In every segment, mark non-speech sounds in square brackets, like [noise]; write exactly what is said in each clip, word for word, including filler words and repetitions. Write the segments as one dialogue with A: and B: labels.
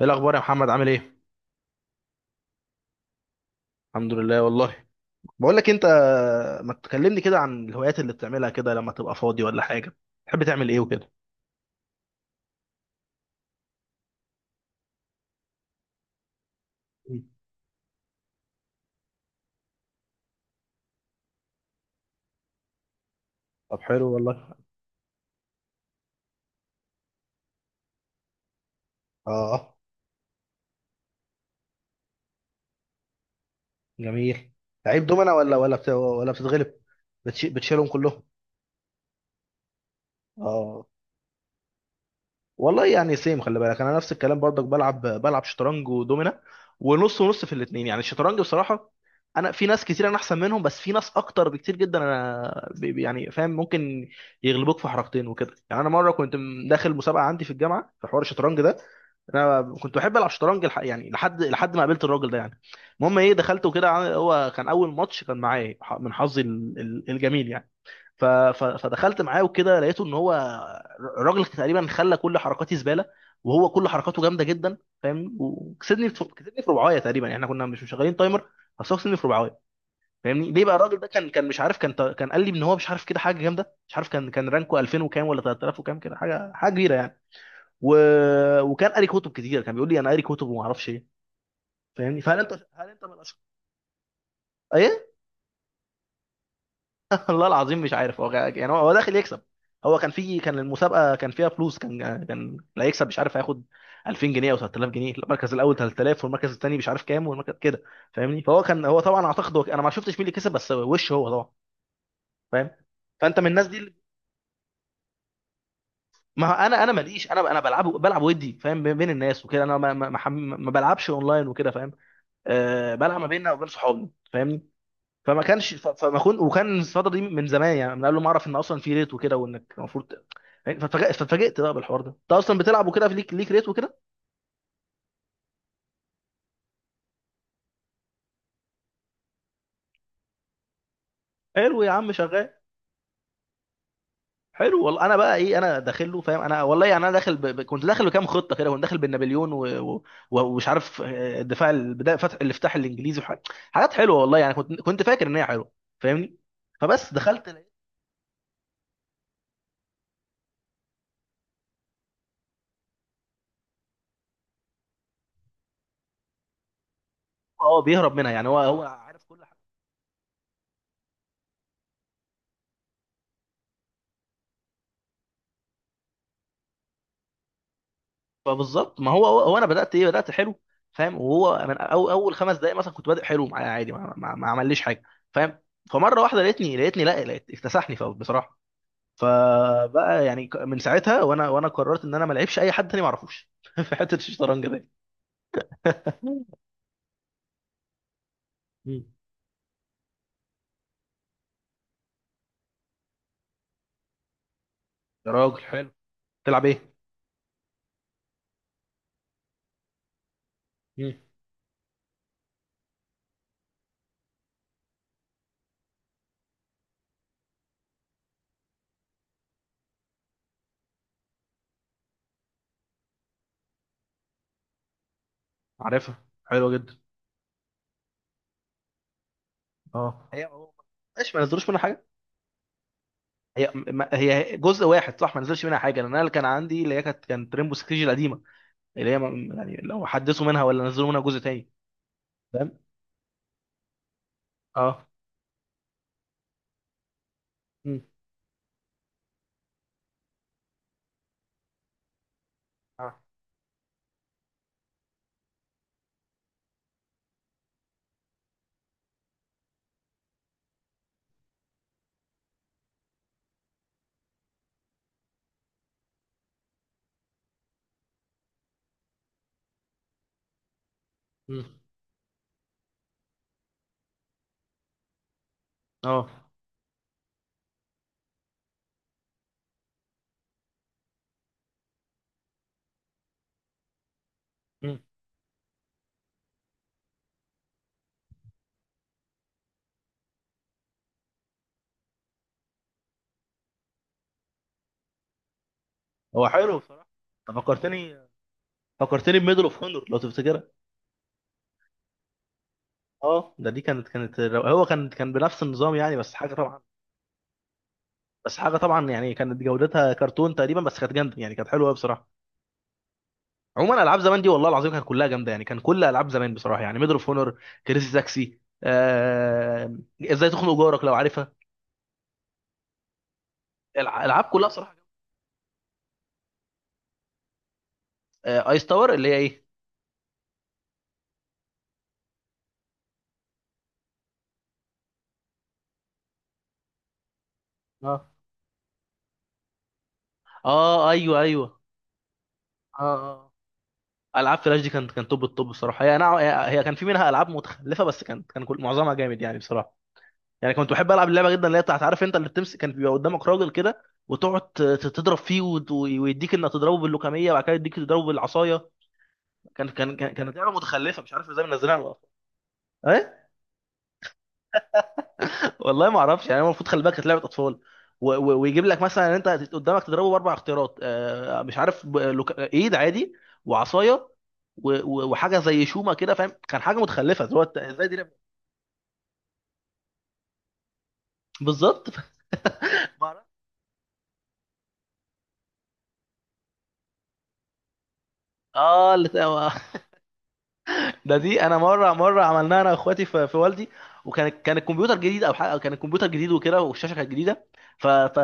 A: ايه الاخبار يا محمد؟ عامل ايه؟ الحمد لله والله. بقول لك انت، ما تكلمني كده عن الهوايات اللي بتعملها كده لما تبقى فاضي ولا حاجه؟ تحب تعمل ايه وكده؟ مم. طب حلو والله. اه. جميل. لعيب دومنا ولا ولا بت... ولا بتتغلب، بتش... بتشيلهم كلهم؟ اه. والله يعني سيم، خلي بالك انا نفس الكلام برضك، بلعب بلعب شطرنج ودومينا. ونص ونص في الاثنين. يعني الشطرنج بصراحه انا في ناس كتير انا احسن منهم، بس في ناس اكتر بكتير جدا انا ب- ب- يعني فاهم، ممكن يغلبوك في حركتين وكده. يعني انا مره كنت م- داخل مسابقه عندي في الجامعه في حوار الشطرنج ده. انا كنت بحب العب شطرنج الح- يعني لحد لحد ما قابلت الراجل ده يعني. المهم ايه، دخلت وكده، ع- هو كان اول ماتش كان معايا، ح- من حظي ال- ال- الجميل يعني. ف... ف... فدخلت معاه وكده، لقيته ان هو الراجل تقريبا خلى كل حركاتي زباله، وهو كل حركاته جامده جدا. فاهمني؟ وكسبني في كسبني في ربعايه تقريبا يعني. احنا كنا مش مشغلين تايمر، بس هو كسبني في ربعايه. فاهمني؟ ليه بقى الراجل ده؟ كان كان مش عارف، كان تا- كان قال لي ان هو مش عارف كده، حاجه جامده مش عارف، كان كان رانكو ألفين وكام ولا تلات آلاف وكام كده، حاجه حاجه كبيره يعني. و... وكان قاري كتب كتير، كان بيقول لي انا قاري كتب وما اعرفش ايه. فاهمني؟ فهل انت، هل انت من الاشخاص. ايه. [laughs] والله العظيم مش عارف، هو كان- يعني هو هو داخل يكسب، هو كان في، كان المسابقه كان فيها فلوس، كان كان اللي هيكسب مش عارف هياخد ألفين جنيه او ثلاثة آلاف جنيه، المركز الاول تلات آلاف والمركز الثاني مش عارف كام، والمركز كده. فاهمني؟ فهو كان، هو طبعا اعتقد هو، انا ما شفتش مين اللي كسب بس وش، هو طبعا فاهم. فانت من الناس دي اللي- ما هو انا انا ماليش، انا انا بلعب بلعب ودي فاهم، بين بين الناس وكده. انا ما ما, ما حم- ما بلعبش اونلاين وكده فاهم. أه، بلعب ما بيننا وبين صحابي فاهمني. فما كانش ف- فما كنت، وكان الفتره دي من زمان يعني، من قبل ما اعرف ان اصلا في ريت وكده، وانك المفروض ت- يعني. فاتفاجأ- فاتفاجئت بقى بالحوار ده، انت اصلا بتلعب وكده، في ليك ليك ريت وكده. حلو يا عم شغال. حلو والله. انا بقى ايه؟ انا داخل له فاهم. انا والله يعني انا داخل ب... ب- كنت داخل بكام خطه كده، كنت داخل بالنابليون و... و... و- ومش عارف آه، الدفاع البدايه، فتح الافتتاح الانجليزي وحاجات، حاجات حلوه والله يعني، كنت كنت فاكر ان هي حلوه فاهمني. فبس دخلت لقيت. هو اه بيهرب منها يعني، هو هو عارف كل حاجه. فبالظبط، ما هو هو انا بدات ايه، بدات حلو فاهم. وهو من، أو اول خمس دقائق مثلا كنت بادئ حلو معايا عادي، ما, ما, ما عمليش حاجه فاهم. فمره واحده لقيتني لقيتني لا، لقيت اكتسحني فوق بصراحه. فبقى يعني ك- من ساعتها، وانا وانا قررت ان انا ما العبش اي حد تاني ما اعرفوش [laughs] في حته الشطرنج ده. مم. يا راجل حلو. تلعب ايه؟ مم. عارفها حلوه جدا. اه، هي هو. ماشي، ما نزلوش منها حاجه. هي ما هي جزء واحد صح، ما نزلش منها حاجه، لان انا اللي كان عندي اللي هي كانت كانت ريمبو سيكس القديمه، اللي هي م- يعني لو حدثوا منها ولا نزلوا منها جزء تاني فاهم. اه. مم. اه. مم. اه. مم. هو حلو بصراحه. طب فكرتني، فكرتني بميدل اوف هونور لو تفتكرها. اه، ده دي كانت كانت رو- هو كان كان بنفس النظام يعني، بس حاجه طبعا، بس حاجه طبعا يعني، كانت جودتها كرتون تقريبا، بس كانت جامده يعني، كانت حلوه قوي بصراحه. عموما العاب زمان دي والله العظيم كانت كلها جامده يعني، كان كل العاب زمان بصراحه يعني ميدل اوف هونور، كريزي تاكسي، آه... ازاي تخنق جارك لو عارفها، الع- العاب كلها بصراحه. جامدة. آه... ايس تاور اللي هي ايه. اه ايوه ايوه. اه. آه. العاب فلاش دي كانت كانت توب التوب بصراحه. هي انا هي هي كان في منها العاب متخلفه بس كان كان كل معظمها جامد يعني بصراحه. يعني كنت بحب العب اللعبه جدا اللي هي بتاعت، عارف انت اللي بتمسك، كان بيبقى قدامك راجل كده، وتقعد ت- ت- تضرب فيه وت- ويديك انك تضربه باللوكاميه، وبعد كده يديك تضربه بالعصايه. كان كان كان- كانت لعبه متخلفه، مش عارف ازاي منزلها على الأطفال. ايه. والله ما اعرفش يعني، هو المفروض خلي بالك كانت لعبه اطفال، و... و... ويجيب لك مثلا ان انت قدامك تضربه باربع اختيارات، آه مش عارف، ب... لوك... ايد عادي، وعصايه، و... و... وحاجه زي شومه كده فاهم، كان حاجه متخلفه، اللي هو انت ازاي دي لعبه؟ بالظبط. [laughs] ف- ما أعرف. اه، اللي... [laughs] ده دي انا مره مره عملناها انا واخواتي في، في والدي، وكان كان الكمبيوتر جديد او حاجه، كان الكمبيوتر جديد وكده، والشاشه كانت جديده. ف ف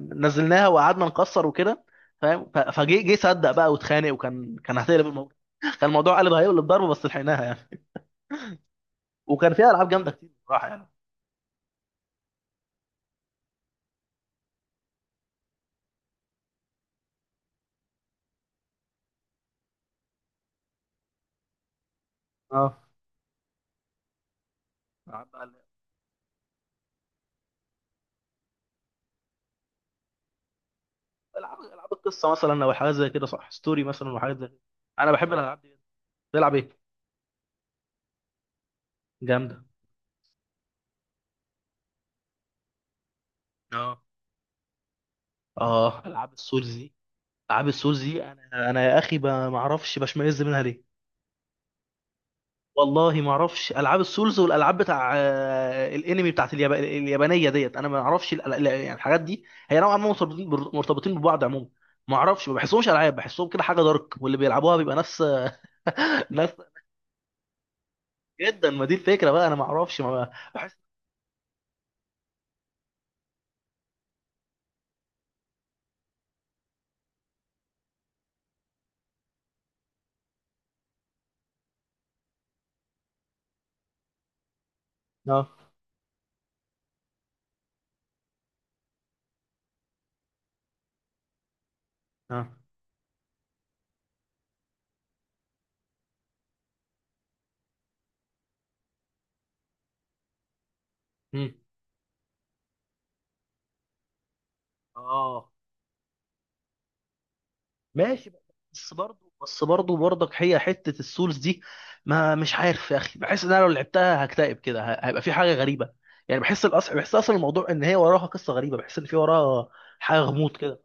A: نزلناها وقعدنا نكسر وكده فاهم. ف- فجه جه صدق بقى واتخانق، وكان كان هتقلب الموضوع. كان الموضوع قلب، هيقلب ضرب، بس لحقناها يعني. وكان فيها العاب جامده كتير بصراحه يعني. اه. العاب بقى- العاب العاب القصه مثلا او حاجات زي كده صح؟ ستوري مثلا وحاجات زي كده. انا بحب الالعاب دي. تلعب ايه؟ جامده. اه. اه العاب السولز دي. العاب السولز دي انا، انا يا اخي ب- ما اعرفش بشمئز منها ليه. والله ما اعرفش، العاب السولز والالعاب بتاع آه، الانمي، بتاعت الياب... اليابانيه ديت انا ما اعرفش ال- ال- يعني الحاجات دي، هي نوعا ما مرتبطين بر- مرتبطين ببعض عموما. ما اعرفش، ما بحسهمش العاب، بحسهم كده حاجه دارك، واللي بيلعبوها بيبقى ناس. [laughs] ناس جدا. ما دي الفكره بقى، انا ما اعرفش، ما بحس. اه. اه. مم. اه. ماشي بقى، بس برضه بس برضه برضك، هي حتة السولز دي ما، مش عارف يا اخي، بحس ان انا لو لعبتها هكتئب كده، ه- هيبقى في حاجة غريبة. يعني بحس الاصل، بحس اصلا الموضوع ان هي وراها قصة غريبة، بحس ان في وراها حاجة غموض كده.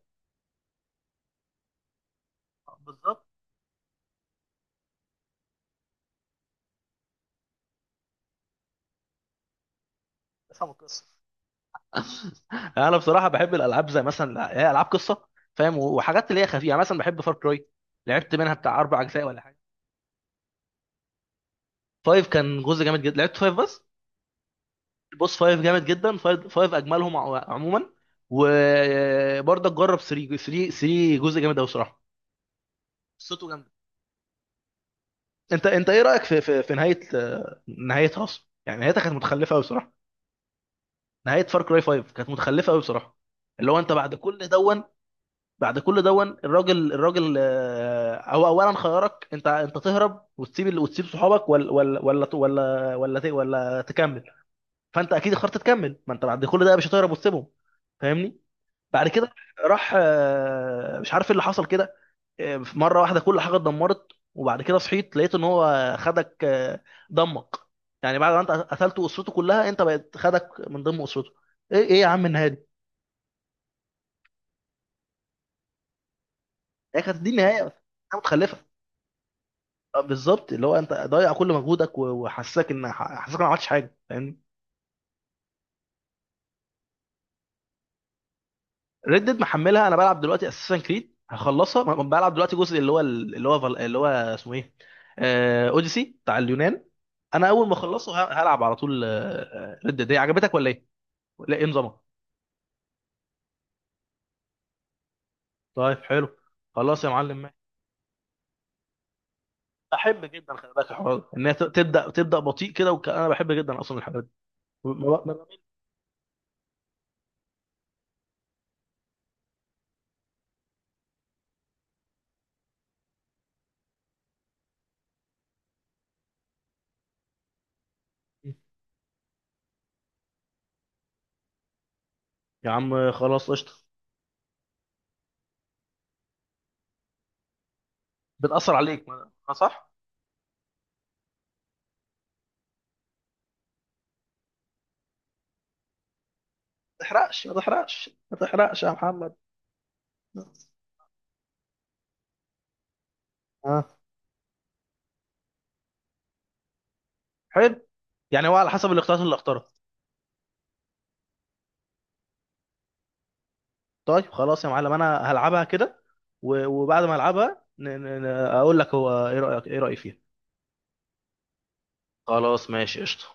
A: بالظبط. افهم القصة. انا بصراحة بحب الالعاب زي مثلا هي العاب قصة فاهم، و- وحاجات اللي هي خفيفة يعني. مثلا بحب فار كراي، لعبت منها بتاع اربع اجزاء ولا حاجة. فايف كان جزء جامد جدا، لعبت فايف بس. البوس فايف جامد جدا، فايف فايف اجملهم ع- عموما. وبرضه جرب ثري، ثري ثري جزء جامد قوي بصراحه، قصته جامده. انت انت ايه رايك في، في, في نهايه، آه، نهايتها اصلا يعني، نهايتها كانت متخلفه قوي بصراحه. نهايه فار كراي فايف كانت متخلفه قوي بصراحه، اللي هو انت بعد كل دون. بعد كل دون الراجل الراجل، آه، هو اولا خيارك، انت انت تهرب وتسيب ال- وتسيب صحابك ولا ولا ولا ولا ولا, ت- ولا تكمل. فانت اكيد اخترت تكمل، ما انت بعد كل ده مش هتهرب وتسيبهم فاهمني. بعد كده راح، آه، مش عارف ايه اللي حصل كده. آه، في مره واحده كل حاجه اتدمرت، وبعد كده صحيت لقيت ان هو خدك، آه، دمك. يعني بعد ما انت قتلته اسرته كلها، انت بقت خدك من ضمن اسرته. ايه ايه يا عم النهايه دي. هي كانت دي النهايه بس. حاجة متخلفه. آه، بالظبط. اللي هو انت ضايع كل مجهودك، و- وحسسك ان، حسسك إن ما عملتش حاجه فاهمني. ريد ديد محملها، انا بلعب دلوقتي اساسا كريد، هخلصها ب- بلعب دلوقتي جزء اللي هو اللي هو فال- اللي هو اسمه ايه، آه، اوديسي بتاع اليونان. انا اول ما اخلصه ه- هلعب على طول. ريد ديد عجبتك ولا ايه؟ لا، ايه نظامها؟ طيب حلو، خلاص يا معلم ماشي. بحب جدا خلي بالك الحوار ده، ان هي ت- تبدا تبدا بطيء كده، وك... انا بحب جدا اصلا الحاجات دي. ما- ما- ما- يا عم خلاص قشطه. بتاثر عليك ما... آه، صح. ما تحرقش، ما تحرقش، ما تحرقش يا محمد. اه. حلو. يعني هو على حسب الاختيارات اللي اختارها. طيب خلاص يا معلم انا هلعبها كده، و- وبعد ما العبها ن- ن- ن- اقول لك هو ايه رايك، ايه رايي فيها. خلاص ماشي قشطه.